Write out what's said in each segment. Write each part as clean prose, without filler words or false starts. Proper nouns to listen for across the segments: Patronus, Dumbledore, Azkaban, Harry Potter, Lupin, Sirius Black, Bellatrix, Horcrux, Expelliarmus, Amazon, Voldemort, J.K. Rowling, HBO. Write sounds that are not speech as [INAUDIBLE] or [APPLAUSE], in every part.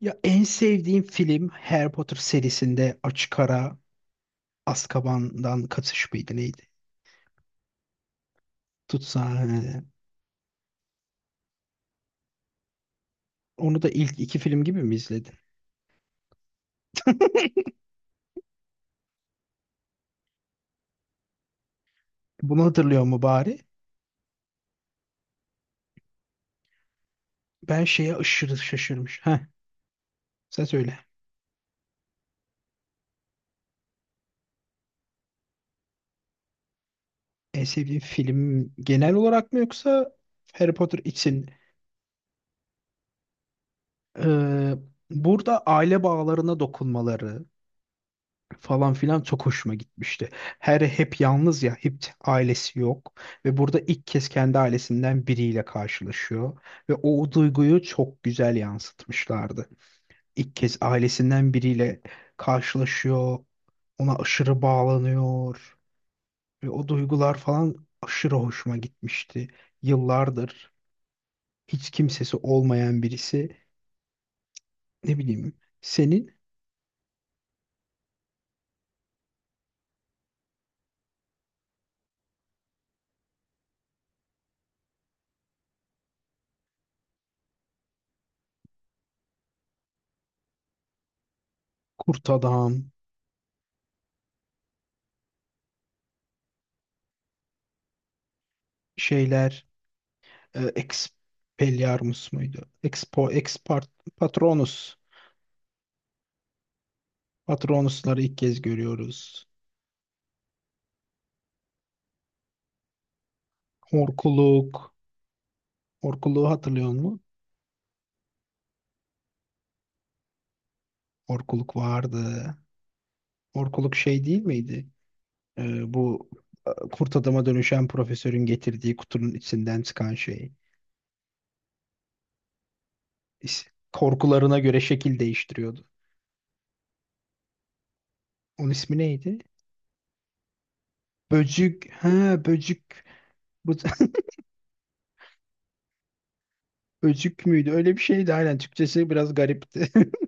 Ya en sevdiğim film Harry Potter serisinde açık ara Azkaban'dan Kaçış mıydı neydi? Tutsa. Onu da ilk iki film gibi mi izledin? Bunu hatırlıyor mu bari? Ben şeye aşırı şaşırmış. Heh, sen söyle. En sevdiğin film genel olarak mı yoksa Harry Potter için? Ee, burada aile bağlarına dokunmaları, falan filan çok hoşuma gitmişti. Hep yalnız ya, hep ailesi yok ve burada ilk kez kendi ailesinden biriyle karşılaşıyor ve o duyguyu çok güzel yansıtmışlardı. İlk kez ailesinden biriyle karşılaşıyor, ona aşırı bağlanıyor ve o duygular falan aşırı hoşuma gitmişti. Yıllardır hiç kimsesi olmayan birisi, ne bileyim, senin Kurt Adam şeyler Expelliarmus muydu? Expo, Expart, Patronus. Patronusları ilk kez görüyoruz. Horkuluk. Horkuluğu hatırlıyor musun? Horkuluk vardı. Horkuluk şey değil miydi? Bu kurt adama dönüşen profesörün getirdiği kutunun içinden çıkan şey. İs- Korkularına göre şekil değiştiriyordu. Onun ismi neydi? Böcük. Ha böcük. Bu, [LAUGHS] böcük müydü? Öyle bir şeydi aynen. Türkçesi biraz garipti. [LAUGHS]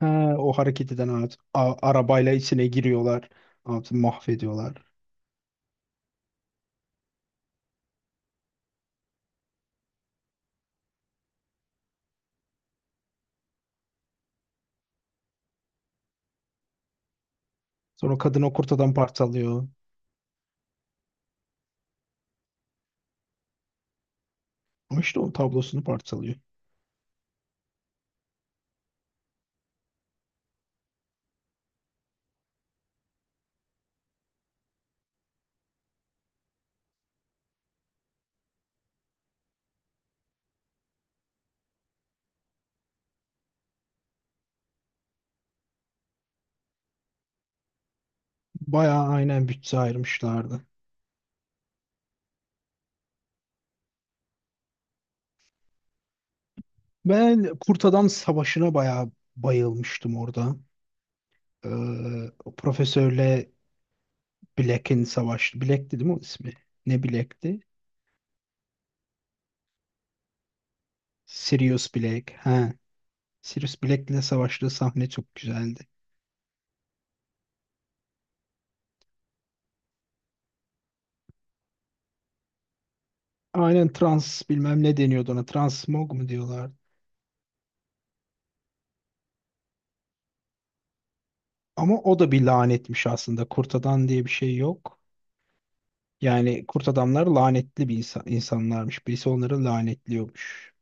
Ha, o hareket eden at, arabayla içine giriyorlar. Atı mahvediyorlar. Sonra kadın o kurtadan parçalıyor. Ama işte o tablosunu parçalıyor. Bayağı aynen bütçe ayırmışlardı. Ben kurt adam savaşına bayağı bayılmıştım orada. Ee, o profesörle Black'in savaşı. Black'ti değil mi o ismi? Ne Black'ti? Sirius Black. Ha. Sirius Black'le savaştığı sahne çok güzeldi. Aynen trans bilmem ne deniyordu ona. Transmog mu diyorlar? Ama o da bir lanetmiş aslında. Kurt adam diye bir şey yok. Yani kurt adamlar lanetli bir insan, insanlarmış. Birisi onları lanetliyormuş.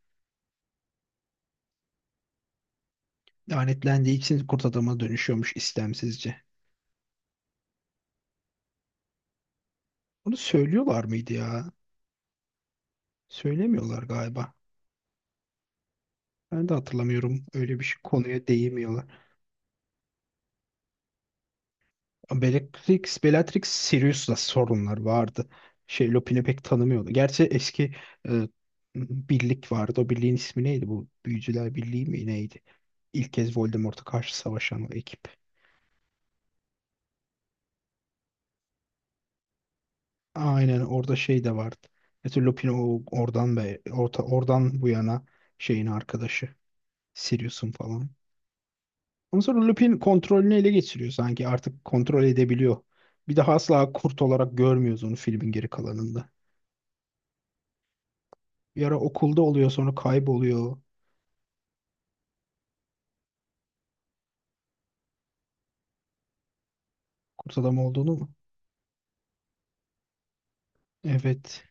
Lanetlendiği için kurt adama dönüşüyormuş istemsizce. Bunu söylüyorlar mıydı ya? Söylemiyorlar galiba. Ben de hatırlamıyorum. Öyle bir şey, konuya değmiyorlar. Bellatrix Sirius'la sorunlar vardı. Lupin'i pek tanımıyordu. Gerçi eski e, birlik vardı. O birliğin ismi neydi? Bu Büyücüler Birliği mi neydi? İlk kez Voldemort'a karşı savaşan o ekip. Aynen orada şey de vardı. Mesela Lupin o oradan bu yana şeyin arkadaşı. Sirius'un falan. Ondan sonra Lupin kontrolünü ele geçiriyor sanki. Artık kontrol edebiliyor. Bir daha asla kurt olarak görmüyoruz onu filmin geri kalanında. Bir ara okulda oluyor sonra kayboluyor. Kurt adam olduğunu mu? Evet.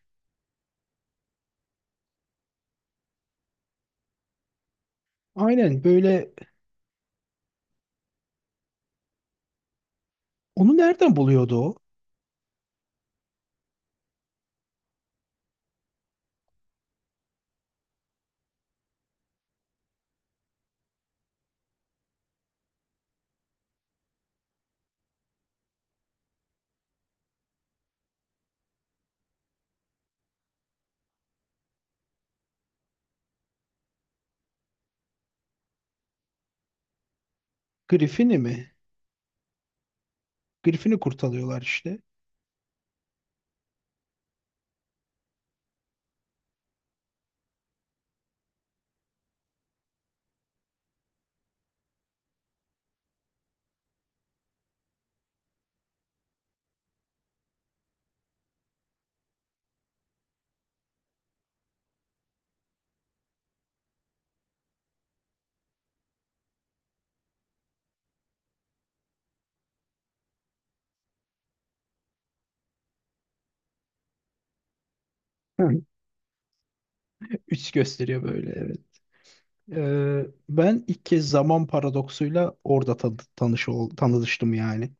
Aynen böyle onu nereden buluyordu o? Griffin'i mi? Griffin'i kurtarıyorlar işte. [LAUGHS] Hı. Üç gösteriyor böyle evet. Ben ilk kez zaman paradoksuyla orada tanıştım yani.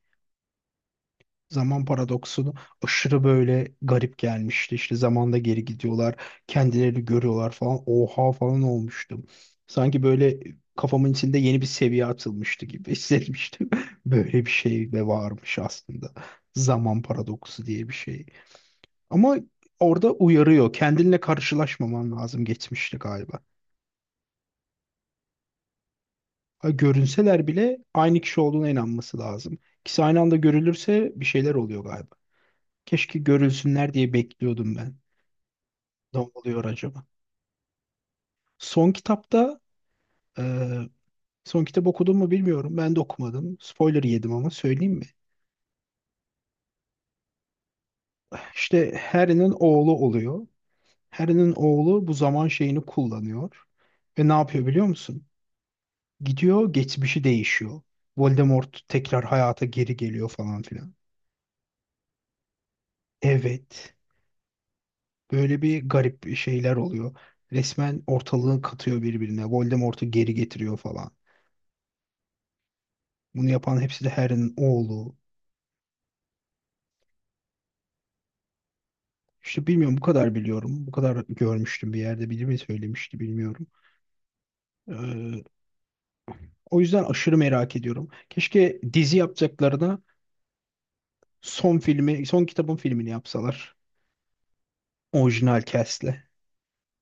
Zaman paradoksunu aşırı böyle garip gelmişti. İşte zamanda geri gidiyorlar, kendilerini görüyorlar falan. Oha falan olmuştum. Sanki böyle kafamın içinde yeni bir seviye atılmıştı gibi [LAUGHS] hissetmiştim. Böyle bir şey de varmış aslında. Zaman paradoksu diye bir şey. Ama orada uyarıyor. Kendinle karşılaşmaman lazım geçmişte galiba. Ha, görünseler bile aynı kişi olduğuna inanması lazım. İkisi aynı anda görülürse bir şeyler oluyor galiba. Keşke görülsünler diye bekliyordum ben. Oluyor acaba? Son kitapta e, son kitap okudun mu bilmiyorum. Ben de okumadım. Spoiler yedim ama söyleyeyim mi? İşte Harry'nin oğlu oluyor. Harry'nin oğlu bu zaman şeyini kullanıyor. Ve ne yapıyor biliyor musun? Gidiyor geçmişi değişiyor. Voldemort tekrar hayata geri geliyor falan filan. Evet. Böyle bir garip şeyler oluyor. Resmen ortalığı katıyor birbirine. Voldemort'u geri getiriyor falan. Bunu yapan hepsi de Harry'nin oğlu. İşte bilmiyorum bu kadar biliyorum. Bu kadar görmüştüm bir yerde biri mi söylemişti bilmiyorum. Ee, o yüzden aşırı merak ediyorum. Keşke dizi yapacaklarına son filmi, son kitabın filmini yapsalar. Orijinal cast'le.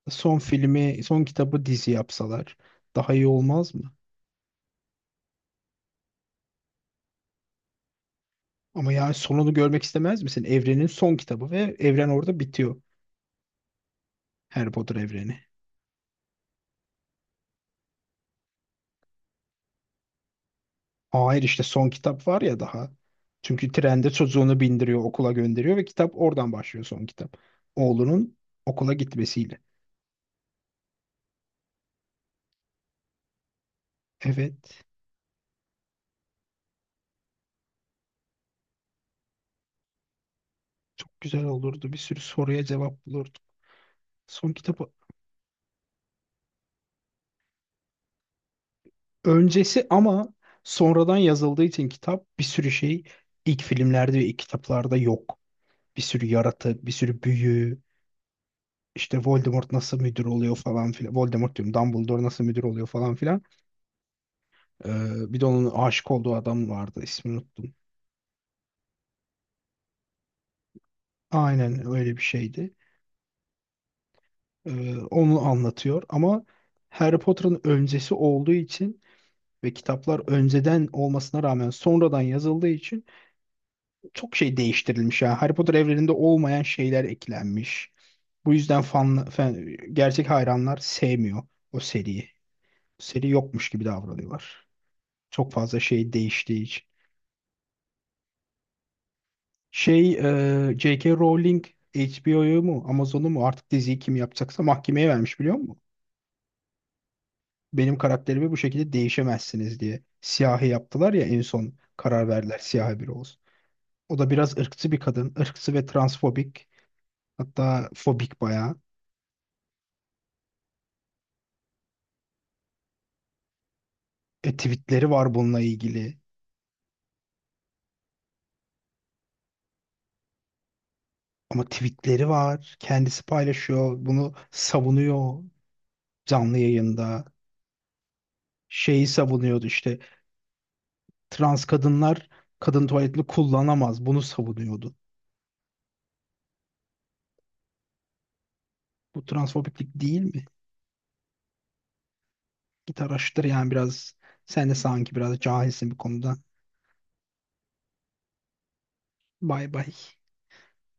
Son filmi, son kitabı dizi yapsalar. Daha iyi olmaz mı? Ama yani sonunu görmek istemez misin? Evrenin son kitabı ve evren orada bitiyor. Harry Potter evreni. Hayır işte son kitap var ya daha. Çünkü trende çocuğunu bindiriyor, okula gönderiyor ve kitap oradan başlıyor son kitap. Oğlunun okula gitmesiyle. Evet, çok güzel olurdu. Bir sürü soruya cevap bulurduk. Son kitabı öncesi ama sonradan yazıldığı için kitap bir sürü şey ilk filmlerde ve ilk kitaplarda yok. Bir sürü yaratık, bir sürü büyü, işte Voldemort nasıl müdür oluyor falan filan. Voldemort diyorum, Dumbledore nasıl müdür oluyor falan filan. Bir de onun aşık olduğu adam vardı, ismini unuttum. Aynen öyle bir şeydi. Onu anlatıyor ama Harry Potter'ın öncesi olduğu için ve kitaplar önceden olmasına rağmen sonradan yazıldığı için çok şey değiştirilmiş. Yani Harry Potter evreninde olmayan şeyler eklenmiş. Bu yüzden gerçek hayranlar sevmiyor o seriyi. Seri yokmuş gibi davranıyorlar. Çok fazla şey değiştiği için. Şey, J.K. Rowling HBO'yu mu Amazon'u mu artık diziyi kim yapacaksa mahkemeye vermiş biliyor musun? Benim karakterimi bu şekilde değişemezsiniz diye. Siyahi yaptılar ya en son karar verdiler siyahi biri olsun. O da biraz ırkçı bir kadın. Irkçı ve transfobik. Hatta fobik bayağı. Tweetleri var bununla ilgili. Ama tweetleri var. Kendisi paylaşıyor. Bunu savunuyor canlı yayında. Şeyi savunuyordu işte. Trans kadınlar kadın tuvaletini kullanamaz. Bunu savunuyordu. Bu transfobiklik değil mi? Git araştır yani biraz. Sen de sanki biraz cahilsin bir konuda. Bay bay.